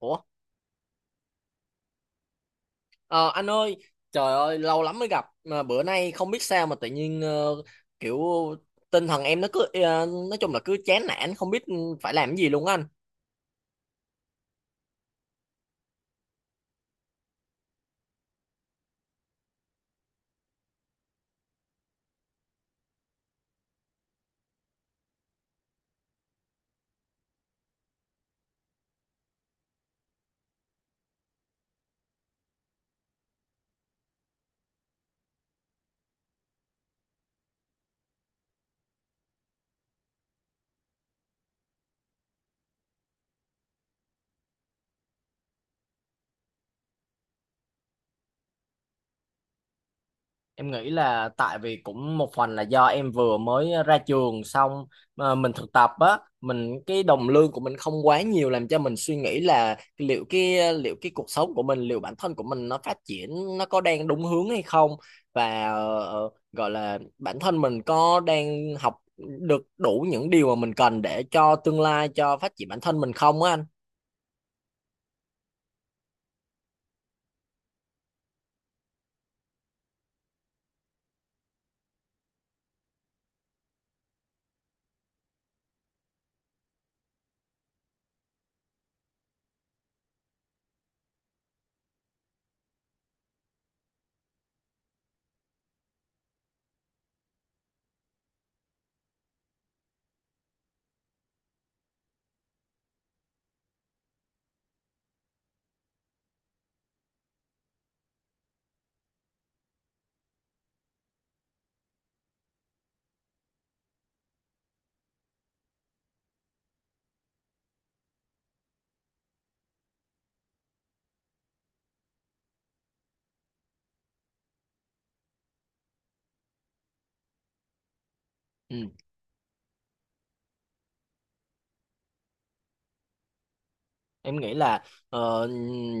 Ủa, ờ, anh ơi, trời ơi, lâu lắm mới gặp mà bữa nay không biết sao mà tự nhiên kiểu tinh thần em nó cứ nói chung là cứ chán nản không biết phải làm cái gì luôn á anh. Em nghĩ là tại vì cũng một phần là do em vừa mới ra trường xong mà mình thực tập á, mình cái đồng lương của mình không quá nhiều làm cho mình suy nghĩ là liệu cái cuộc sống của mình, liệu bản thân của mình nó phát triển nó có đang đúng hướng hay không và gọi là bản thân mình có đang học được đủ những điều mà mình cần để cho tương lai cho phát triển bản thân mình không á anh. Ừ. Em nghĩ là ờ,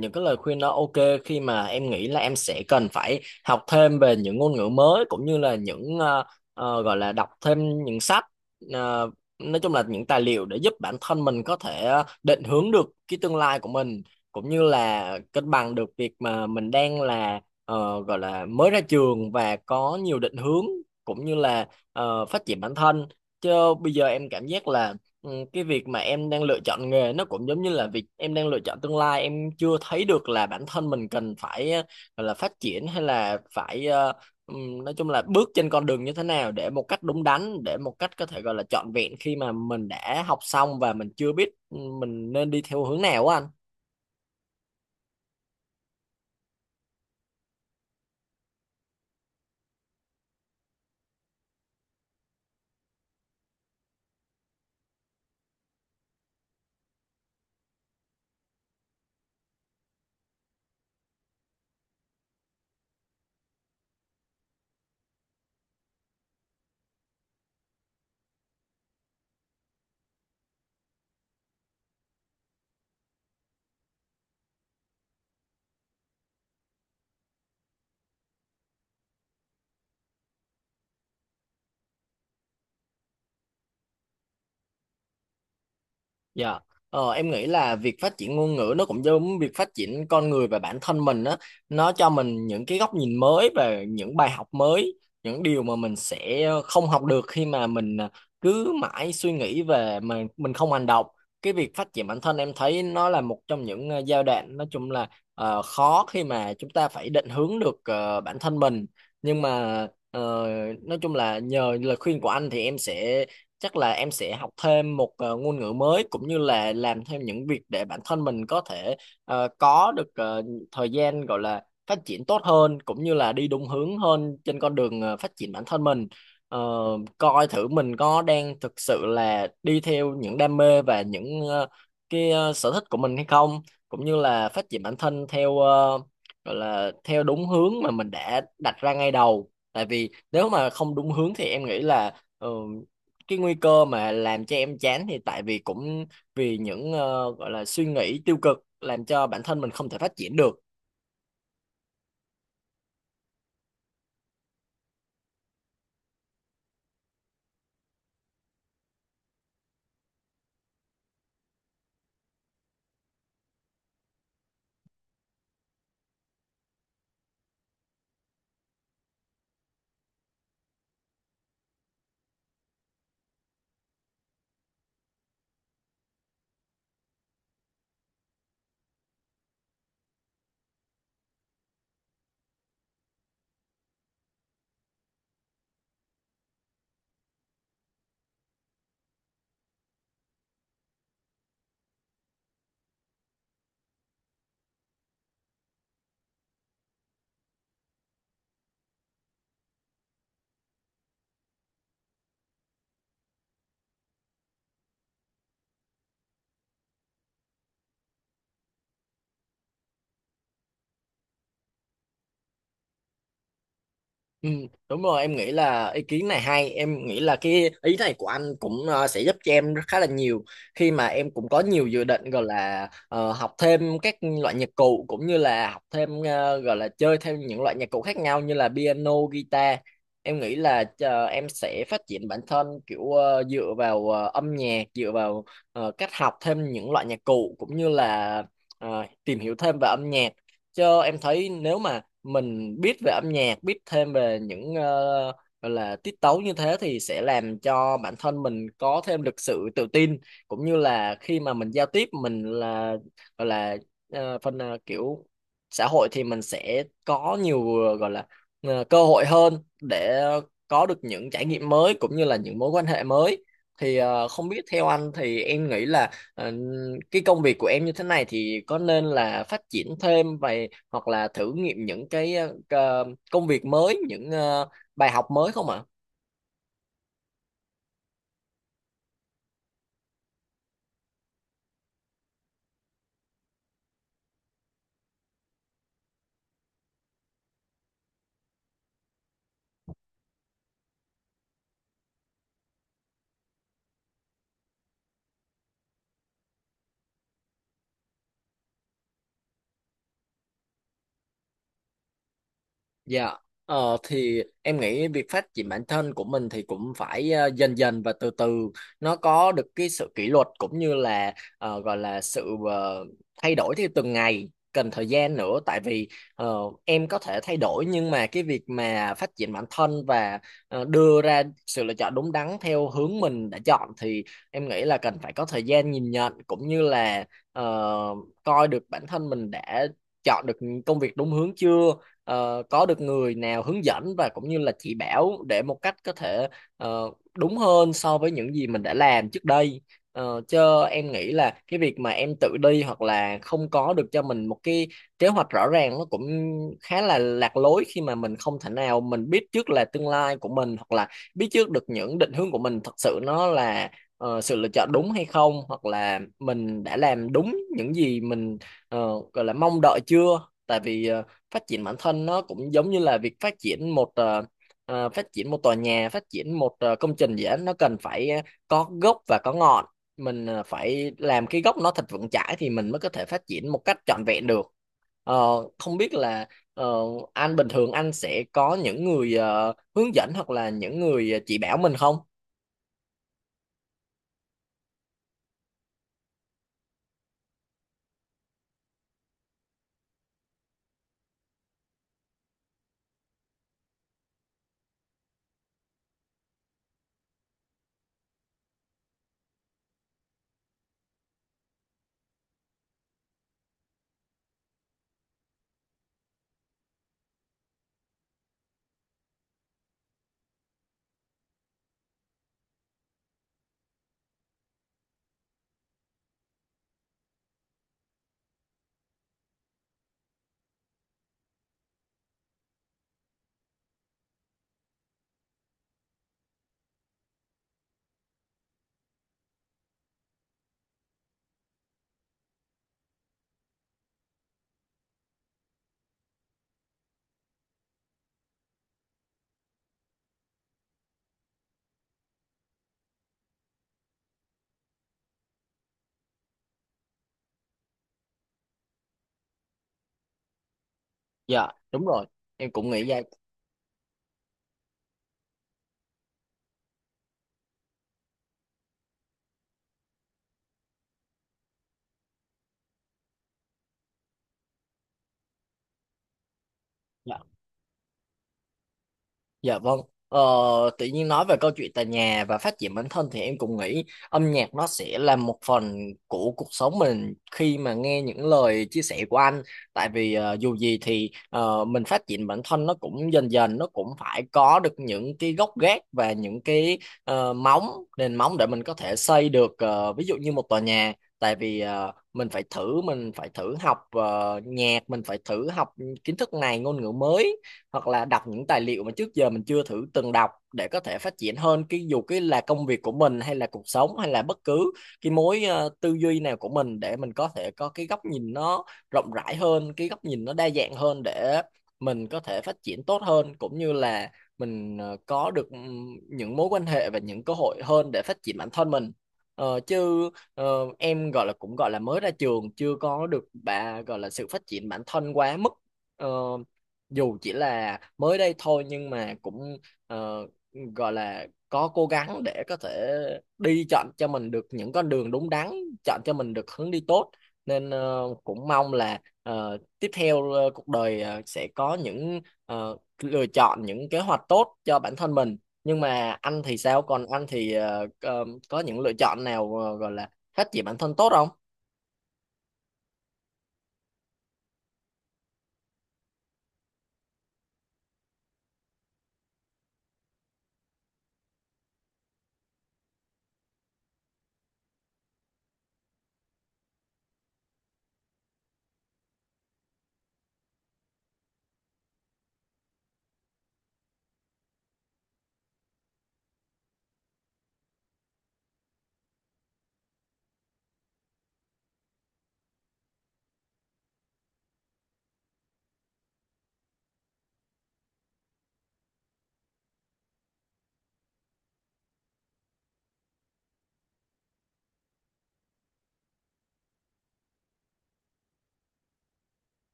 những cái lời khuyên đó ok khi mà em nghĩ là em sẽ cần phải học thêm về những ngôn ngữ mới cũng như là những gọi là đọc thêm những sách, ờ, nói chung là những tài liệu để giúp bản thân mình có thể định hướng được cái tương lai của mình cũng như là cân bằng được việc mà mình đang là gọi là mới ra trường và có nhiều định hướng cũng như là phát triển bản thân, chứ bây giờ em cảm giác là, ừ, cái việc mà em đang lựa chọn nghề nó cũng giống như là việc em đang lựa chọn tương lai. Em chưa thấy được là bản thân mình cần phải gọi là phát triển hay là phải nói chung là bước trên con đường như thế nào để một cách đúng đắn, để một cách có thể gọi là trọn vẹn khi mà mình đã học xong và mình chưa biết, ừ, mình nên đi theo hướng nào á anh. Dạ. Em nghĩ là việc phát triển ngôn ngữ nó cũng giống việc phát triển con người và bản thân mình á, nó cho mình những cái góc nhìn mới và những bài học mới, những điều mà mình sẽ không học được khi mà mình cứ mãi suy nghĩ về mà mình không hành động. Cái việc phát triển bản thân em thấy nó là một trong những giai đoạn nói chung là khó khi mà chúng ta phải định hướng được bản thân mình, nhưng mà nói chung là nhờ lời khuyên của anh thì em sẽ, chắc là em sẽ học thêm một ngôn ngữ mới, cũng như là làm thêm những việc để bản thân mình có thể có được thời gian gọi là phát triển tốt hơn cũng như là đi đúng hướng hơn trên con đường phát triển bản thân mình. Ờ, coi thử mình có đang thực sự là đi theo những đam mê và những sở thích của mình hay không, cũng như là phát triển bản thân theo, gọi là theo đúng hướng mà mình đã đặt ra ngay đầu, tại vì nếu mà không đúng hướng thì em nghĩ là cái nguy cơ mà làm cho em chán thì tại vì cũng vì những gọi là suy nghĩ tiêu cực làm cho bản thân mình không thể phát triển được. Ừ, đúng rồi, em nghĩ là ý kiến này hay. Em nghĩ là cái ý này của anh cũng sẽ giúp cho em rất khá là nhiều khi mà em cũng có nhiều dự định gọi là học thêm các loại nhạc cụ, cũng như là học thêm gọi là chơi theo những loại nhạc cụ khác nhau như là piano, guitar. Em nghĩ là em sẽ phát triển bản thân kiểu dựa vào âm nhạc, dựa vào cách học thêm những loại nhạc cụ cũng như là tìm hiểu thêm về âm nhạc, cho em thấy nếu mà mình biết về âm nhạc, biết thêm về những gọi là tiết tấu như thế thì sẽ làm cho bản thân mình có thêm được sự tự tin, cũng như là khi mà mình giao tiếp mình là gọi là phần kiểu xã hội thì mình sẽ có nhiều gọi là cơ hội hơn để có được những trải nghiệm mới cũng như là những mối quan hệ mới. Thì không biết theo anh thì em nghĩ là cái công việc của em như thế này thì có nên là phát triển thêm và hoặc là thử nghiệm những cái ờ, công việc mới, những bài học mới không ạ? Dạ, thì em nghĩ việc phát triển bản thân của mình thì cũng phải dần dần và từ từ, nó có được cái sự kỷ luật cũng như là gọi là sự thay đổi theo từng ngày, cần thời gian nữa. Tại vì ờ, em có thể thay đổi, nhưng mà cái việc mà phát triển bản thân và đưa ra sự lựa chọn đúng đắn theo hướng mình đã chọn thì em nghĩ là cần phải có thời gian nhìn nhận, cũng như là ờ, coi được bản thân mình đã chọn được công việc đúng hướng chưa, có được người nào hướng dẫn và cũng như là chỉ bảo để một cách có thể ờ, đúng hơn so với những gì mình đã làm trước đây. Ờ, chứ em nghĩ là cái việc mà em tự đi hoặc là không có được cho mình một cái kế hoạch rõ ràng nó cũng khá là lạc lối khi mà mình không thể nào mình biết trước là tương lai của mình, hoặc là biết trước được những định hướng của mình thật sự nó là sự lựa chọn đúng hay không, hoặc là mình đã làm đúng những gì mình gọi là mong đợi chưa. Tại vì phát triển bản thân nó cũng giống như là việc phát triển một phát triển một tòa nhà, phát triển một công trình gì đó, nó cần phải có gốc và có ngọn. Mình phải làm cái gốc nó thật vững chãi thì mình mới có thể phát triển một cách trọn vẹn được. Ờ, không biết là ờ, anh bình thường anh sẽ có những người hướng dẫn hoặc là những người chỉ bảo mình không? Dạ đúng rồi, em cũng nghĩ vậy. Dạ. Dạ vâng. Ờ, tự nhiên nói về câu chuyện tại nhà và phát triển bản thân thì em cũng nghĩ âm nhạc nó sẽ là một phần của cuộc sống mình khi mà nghe những lời chia sẻ của anh. Tại vì dù gì thì mình phát triển bản thân nó cũng dần dần, nó cũng phải có được những cái gốc gác và những cái móng, nền móng để mình có thể xây được ví dụ như một tòa nhà. Tại vì mình phải thử, mình phải thử học nhạc, mình phải thử học kiến thức này, ngôn ngữ mới, hoặc là đọc những tài liệu mà trước giờ mình chưa thử từng đọc để có thể phát triển hơn cái dù cái là công việc của mình hay là cuộc sống hay là bất cứ cái mối tư duy nào của mình, để mình có thể có cái góc nhìn nó rộng rãi hơn, cái góc nhìn nó đa dạng hơn để mình có thể phát triển tốt hơn, cũng như là mình có được những mối quan hệ và những cơ hội hơn để phát triển bản thân mình. Ờ, chứ ờ, em gọi là cũng gọi là mới ra trường chưa có được bà gọi là sự phát triển bản thân quá mức. Ờ, dù chỉ là mới đây thôi nhưng mà cũng ờ, gọi là có cố gắng để có thể đi chọn cho mình được những con đường đúng đắn, chọn cho mình được hướng đi tốt, nên cũng mong là tiếp theo cuộc đời sẽ có những ờ, lựa chọn, những kế hoạch tốt cho bản thân mình. Nhưng mà anh thì sao? Còn anh thì có những lựa chọn nào gọi là phát triển bản thân tốt không?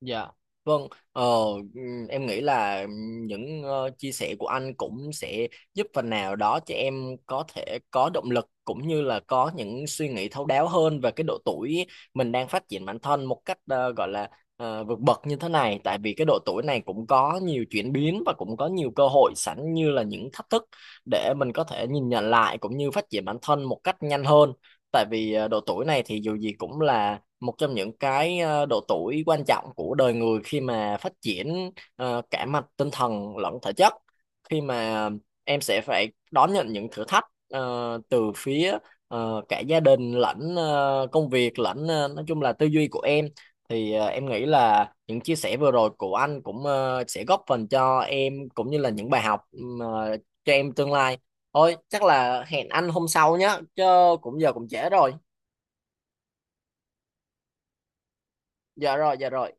Dạ, vâng. Ờ, em nghĩ là những chia sẻ của anh cũng sẽ giúp phần nào đó cho em có thể có động lực cũng như là có những suy nghĩ thấu đáo hơn về cái độ tuổi mình đang phát triển bản thân một cách gọi là vượt bậc như thế này. Tại vì cái độ tuổi này cũng có nhiều chuyển biến và cũng có nhiều cơ hội sẵn như là những thách thức để mình có thể nhìn nhận lại cũng như phát triển bản thân một cách nhanh hơn. Tại vì độ tuổi này thì dù gì cũng là một trong những cái độ tuổi quan trọng của đời người khi mà phát triển cả mặt tinh thần lẫn thể chất, khi mà em sẽ phải đón nhận những thử thách từ phía cả gia đình lẫn công việc lẫn nói chung là tư duy của em. Thì em nghĩ là những chia sẻ vừa rồi của anh cũng sẽ góp phần cho em cũng như là những bài học mà cho em tương lai. Thôi chắc là hẹn anh hôm sau nhé, chứ cũng giờ cũng trễ rồi. Dạ rồi, dạ rồi.